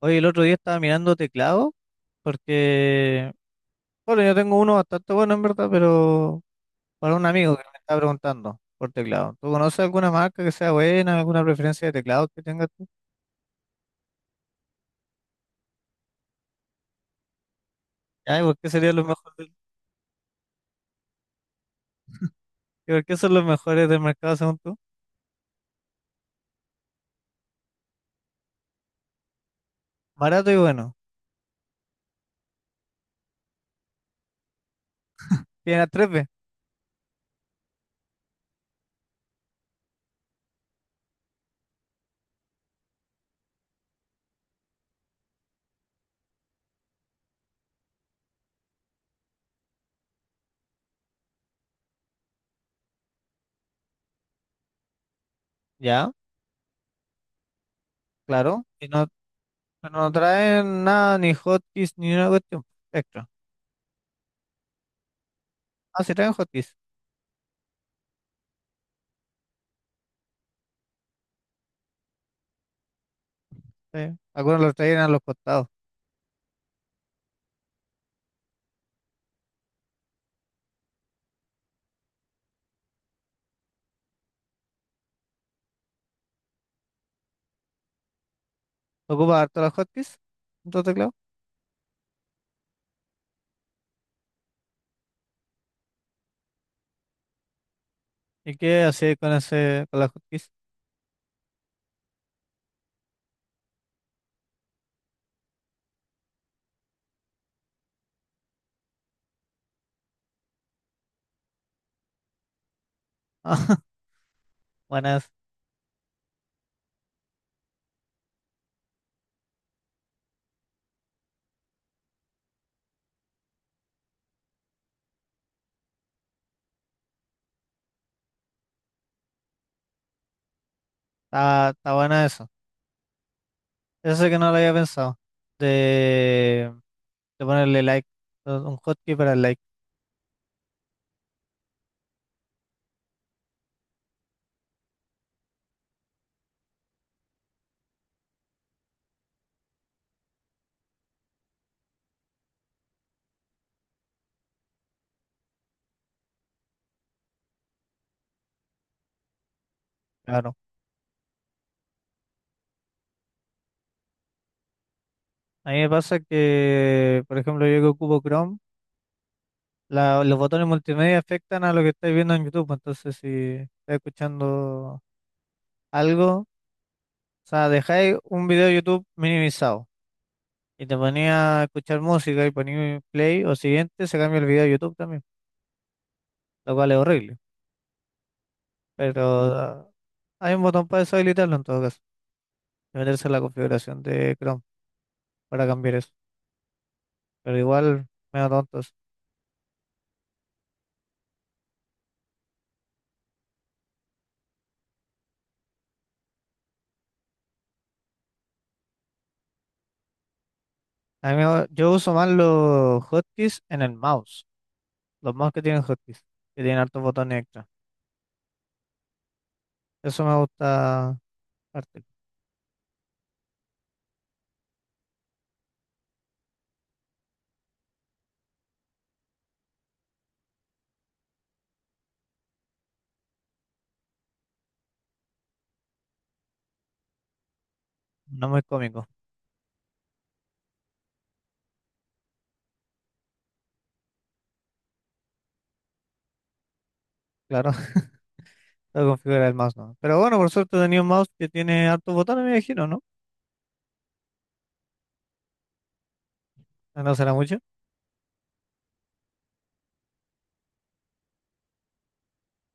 Oye, el otro día estaba mirando teclado porque, bueno, yo tengo uno bastante bueno en verdad, pero para un amigo que me está preguntando por teclado. ¿Tú conoces alguna marca que sea buena, alguna preferencia de teclado que tengas tú? Ay, ¿por qué serían los mejores? ¿Y por qué son los mejores del mercado según tú? Barato y bueno. Tiene a 3B. Ya, claro. Y no, pero no traen nada, ni hotkeys, ni una cuestión extra. Ah, sí traen hotkeys. Sí. Algunos los traen a los costados. ¿Ocupas harto las hotkeys? ¿En tu teclado? ¿Y qué hacía con ese, con la justicia? Buena, está, está buena eso. Eso sí que no lo había pensado. De, de ponerle like, un hotkey para el like, claro. A mí me pasa que, por ejemplo, yo que ocupo Chrome, los botones multimedia afectan a lo que estáis viendo en YouTube. Entonces, si estáis escuchando algo, o sea, dejáis un video de YouTube minimizado y te ponía a escuchar música y ponía play o siguiente, se cambia el video de YouTube también, lo cual es horrible. Pero hay un botón para deshabilitarlo en todo caso, de meterse en la configuración de Chrome para cambiar eso. Pero igual, medio tontos. Yo uso más los hotkeys en el mouse, los mouse que tienen hotkeys, que tienen hartos botones extra. Eso me gusta harto. No muy cómico, claro. Para configurar el mouse no. Pero bueno, por suerte tenía un mouse que tiene hartos botones, me imagino, ¿no? No será mucho,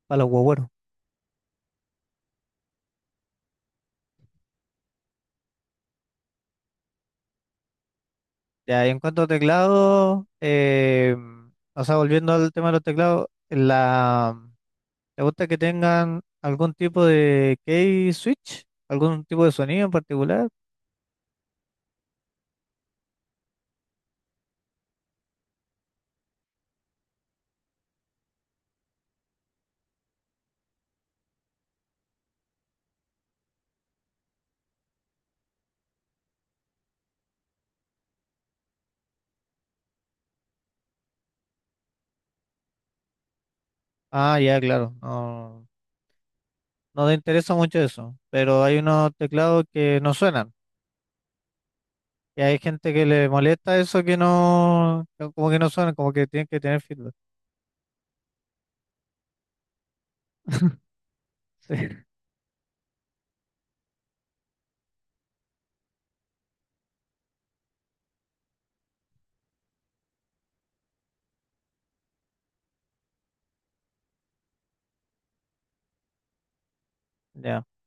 para los huevueros. Ya, y en cuanto a teclado, o sea, volviendo al tema de los teclados, la, ¿te gusta que tengan algún tipo de key switch? ¿Algún tipo de sonido en particular? Ah, ya, claro. No, no te interesa mucho eso. Pero hay unos teclados que no suenan. Y hay gente que le molesta eso, que no, que como que no suenan, como que tienen que tener feedback. Sí, ya. O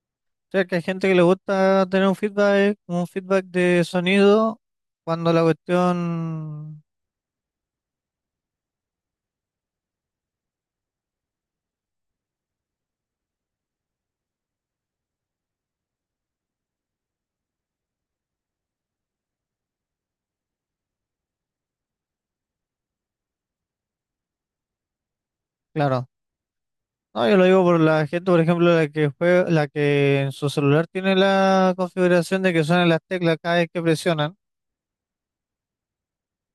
sea, que hay gente que le gusta tener un feedback de sonido cuando la cuestión, claro. No, yo lo digo por la gente, por ejemplo, la que juega, la que en su celular tiene la configuración de que suenan las teclas cada vez que presionan.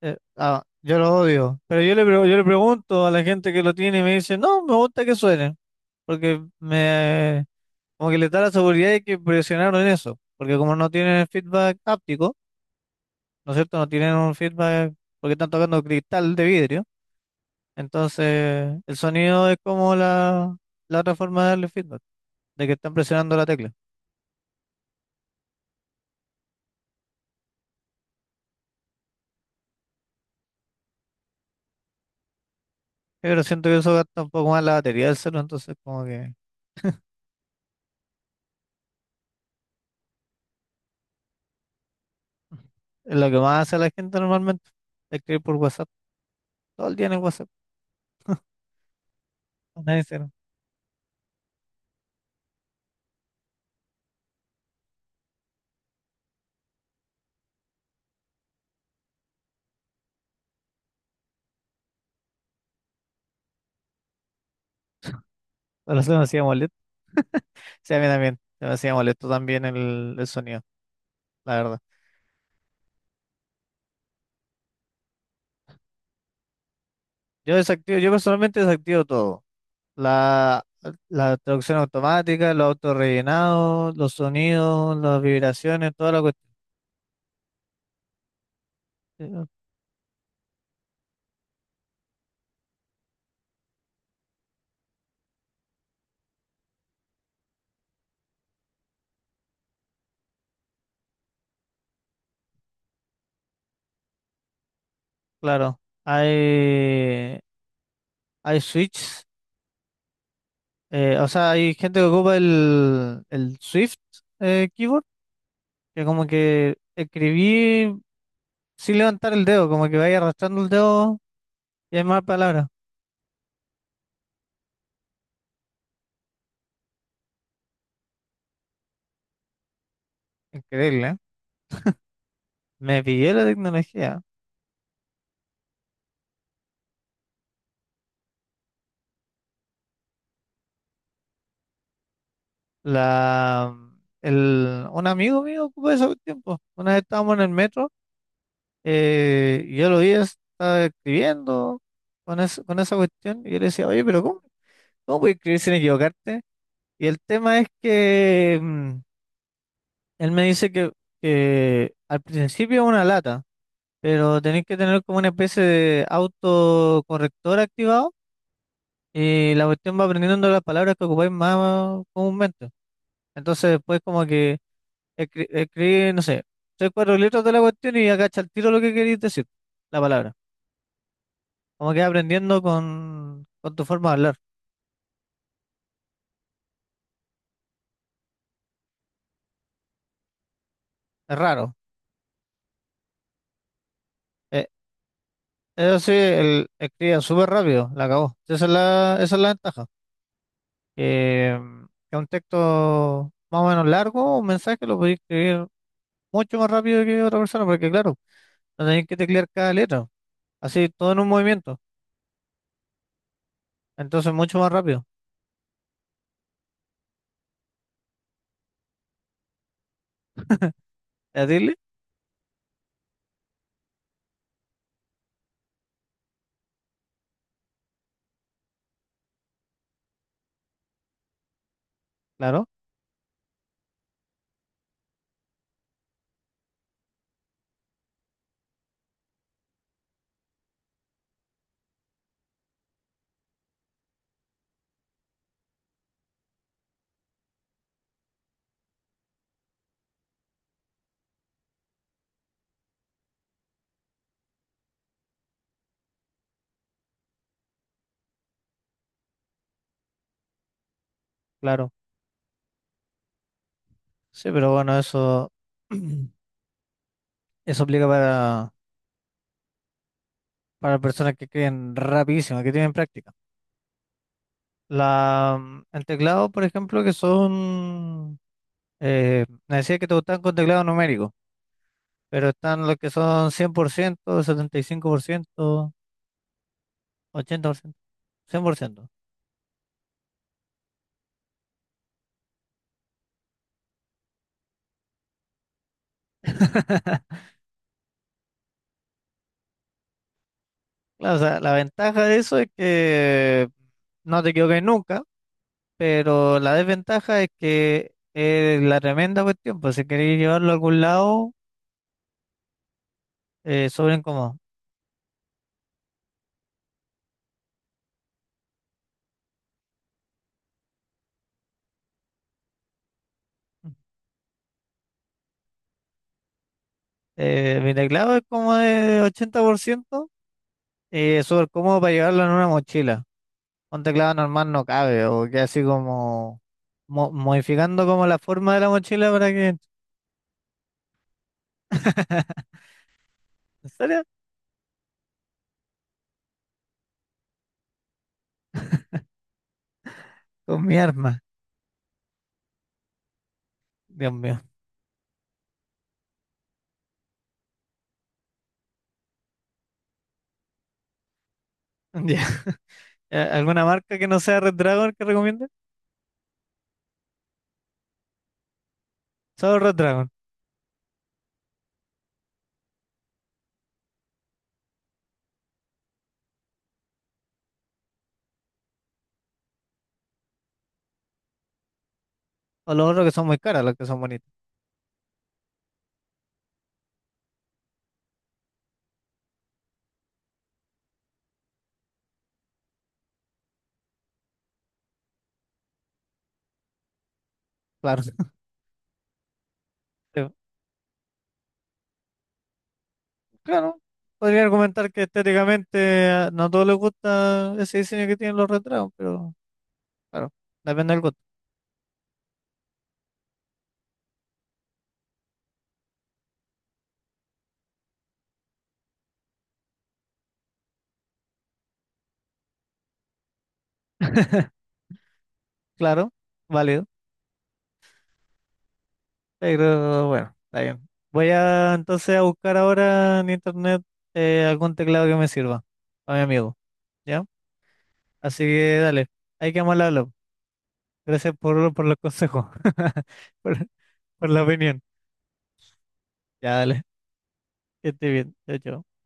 Yo lo odio. Pero yo yo le pregunto a la gente que lo tiene y me dice, no, me gusta que suenen. Porque me, como que le da la seguridad de que presionaron en eso. Porque como no tienen feedback áptico, ¿no es cierto? No tienen un feedback porque están tocando cristal de vidrio. Entonces, el sonido es como la otra forma de darle feedback, de que están presionando la tecla. Pero siento que eso gasta un poco más la batería del celular, entonces como que es lo que más hace la gente normalmente. Escribir por WhatsApp, todo el día en el WhatsApp. Nadie se, pero se me hacía molesto. Sí, a mí también. Se me hacía molesto también el sonido, la verdad. Yo desactivo, yo personalmente desactivo todo. La, la traducción automática, los autorrellenados, los sonidos, las vibraciones, toda la cuestión. Eh, Claro, hay, hay switches. O sea, hay gente que ocupa el Swift keyboard, que como que escribí sin levantar el dedo, como que vaya arrastrando el dedo y hay más palabras. Increíble, ¿eh? Me pillé la tecnología. El, un amigo mío ocupó eso tiempo. Una vez estábamos en el metro y yo lo vi, estaba escribiendo con esa cuestión y yo le decía, oye, pero ¿cómo, cómo puedes escribir sin equivocarte? Y el tema es que... él me dice que al principio es una lata, pero tenéis que tener como una especie de autocorrector activado y la cuestión va aprendiendo las palabras que ocupáis más comúnmente. Entonces después como que escribí, no sé, tres, cuatro letras de la cuestión y agacha al tiro lo que queréis decir, la palabra. Como que vas aprendiendo con tu forma de hablar. Es raro. Eh, Eso sí, él escribía súper rápido, la acabó. Esa es la ventaja. Eh, es un texto más o menos largo, un mensaje lo podéis escribir mucho más rápido que otra persona, porque claro, no tenéis que teclear cada letra, así todo en un movimiento, entonces mucho más rápido. ¿Es decirle? Claro, claro. Sí, pero bueno, eso, eso aplica para personas que escriben rapidísimo, que tienen práctica. El teclado, por ejemplo, que son, me decía que te gustan con teclado numérico, pero están los que son cien por ciento, setenta y cinco por ciento, ochenta por ciento, cien por ciento. Claro, o sea, la ventaja de eso es que no te equivoques nunca, pero la desventaja es que es la tremenda cuestión, pues si queréis llevarlo a algún lado, sobre incómodo. Mi teclado es como de 80%, es súper cómodo para llevarlo en una mochila. Un teclado normal no cabe, o que así como modificando como la forma de la mochila para que... ¿En serio? Con mi arma, Dios mío. Ya. ¿Alguna marca que no sea Red Dragon que recomiende? Solo Red Dragon. O los otros que son muy caras, los que son bonitos. Claro. Pero, claro. Podría argumentar que estéticamente no a todos les gusta ese diseño que tienen los Red Dragon, pero claro, depende del gusto. Claro, válido. Pero bueno, está bien. Voy a entonces a buscar ahora en internet algún teclado que me sirva a mi amigo, ¿ya? Así que dale, ahí quedamos al habla. Gracias por los consejos, por, por la opinión. Ya, dale. Esté bien. Chao, chao.